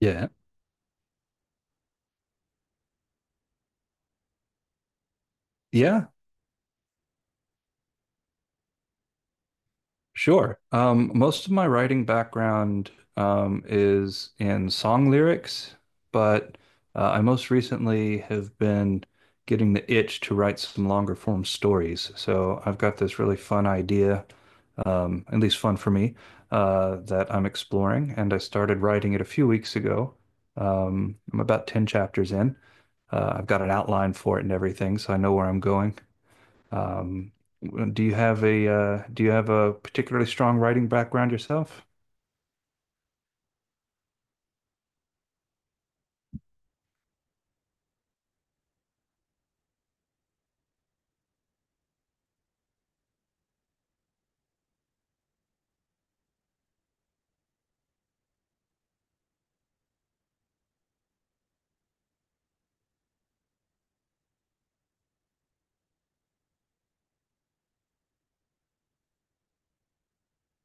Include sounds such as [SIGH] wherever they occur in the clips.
Yeah. Yeah, sure. Most of my writing background is in song lyrics, but I most recently have been getting the itch to write some longer form stories. So I've got this really fun idea, at least fun for me, that I'm exploring, and I started writing it a few weeks ago. I'm about 10 chapters in. I've got an outline for it and everything, so I know where I'm going. Um, do you have a particularly strong writing background yourself?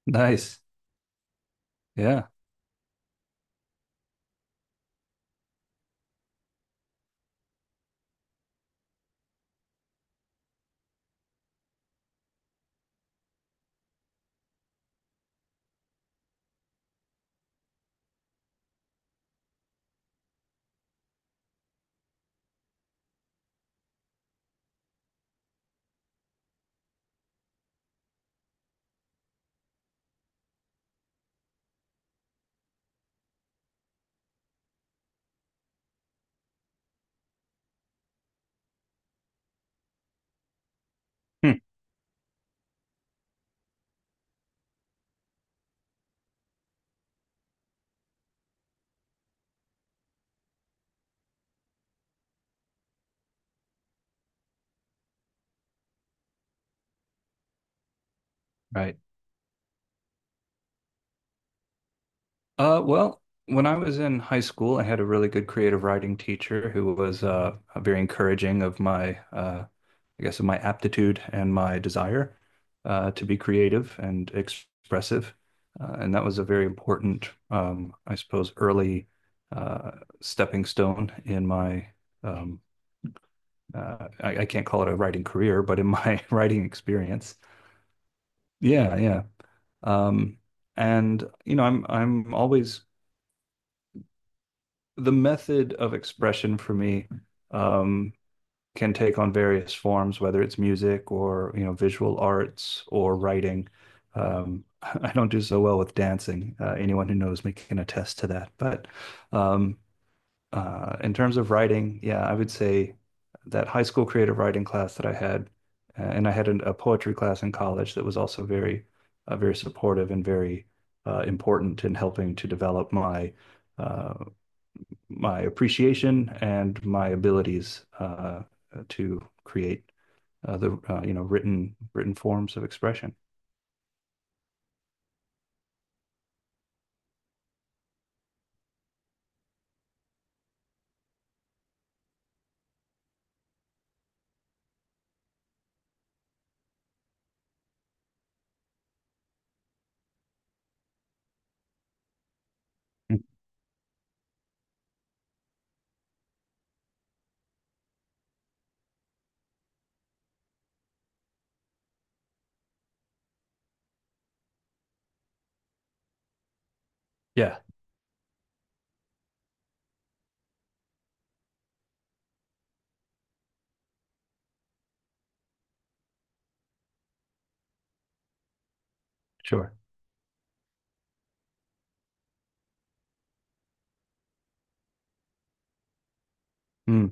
Nice. Yeah. Hmm. Right. Well, when I was in high school, I had a really good creative writing teacher who was very encouraging of my, I guess, of my aptitude and my desire to be creative and expressive. And that was a very important, I suppose, early uh, stepping stone in my um, I can't call it a writing career, but in my [LAUGHS] writing experience. Yeah, yeah. Um, and you know, I'm always the method of expression for me um, can take on various forms, whether it's music or you know visual arts or writing. [LAUGHS] I don't do so well with dancing. Anyone who knows me can attest to that. But um, in terms of writing, yeah, I would say that high school creative writing class that I had, and I had a poetry class in college that was also very, very supportive and very important in helping to develop my uh, my appreciation and my abilities to create the you know written forms of expression. Mm. Yeah, sure. Mm,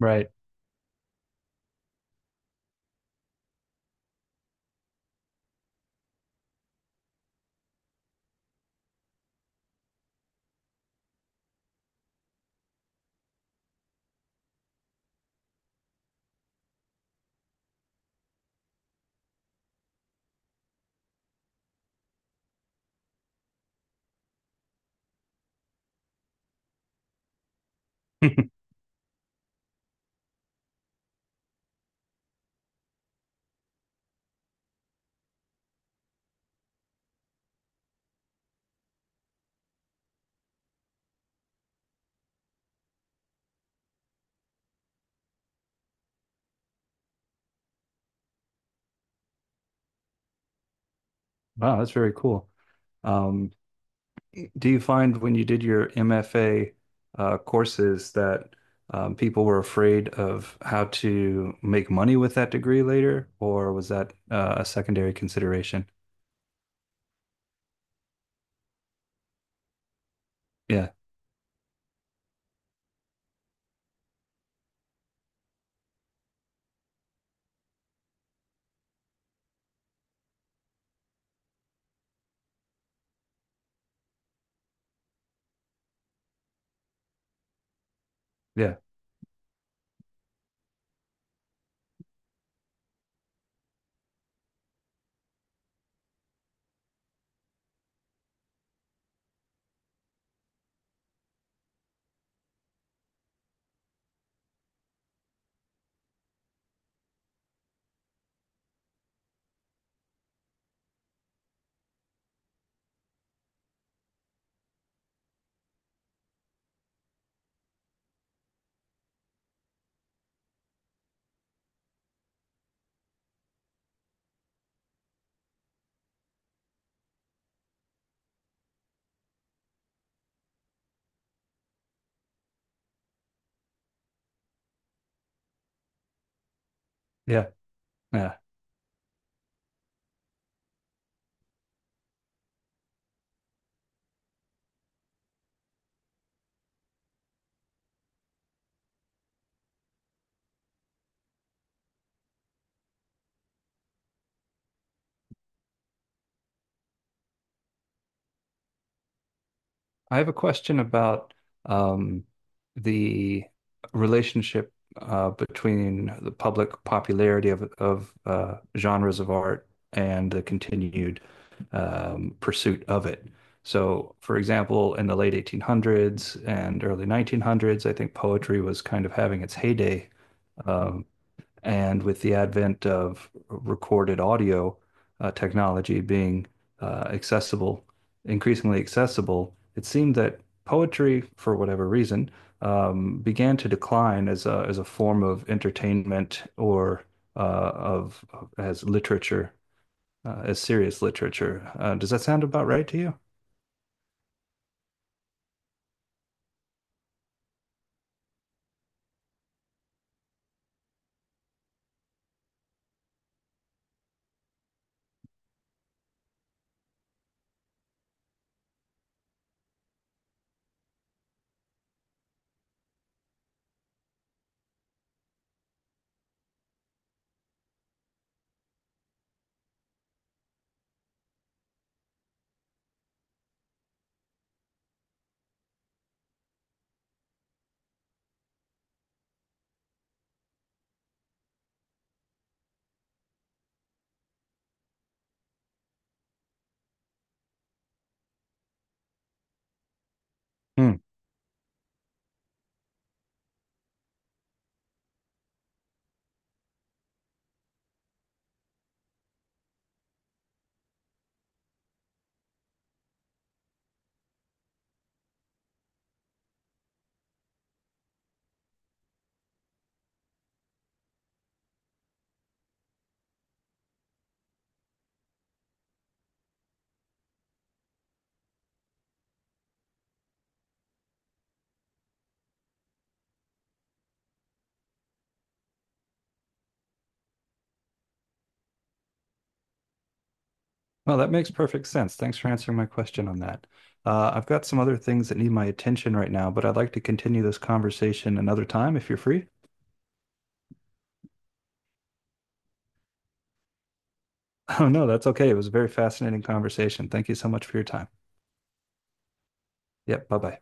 right. [LAUGHS] Wow, that's very cool. Um, do you find when you did your MFA courses that people were afraid of how to make money with that degree later, or was that a secondary consideration? Yeah, yeah, yeah, yeah. I have a question about um, the relationship between the public popularity of genres of art and the continued pursuit of it. So, for example, in the late 1800s and early 1900s, I think poetry was kind of having its heyday. Um, and with the advent of recorded audio technology being accessible, increasingly accessible, it seemed that poetry, for whatever reason, began to decline as as a form of entertainment or uh, of as literature, as serious literature. Does that sound about right to you? Hmm. Well, that makes perfect sense. Thanks for answering my question on that. I've got some other things that need my attention right now, but I'd like to continue this conversation another time if you're free. [LAUGHS] Oh, no, that's okay. It was a very fascinating conversation. Thank you so much for your time. Yep, bye-bye.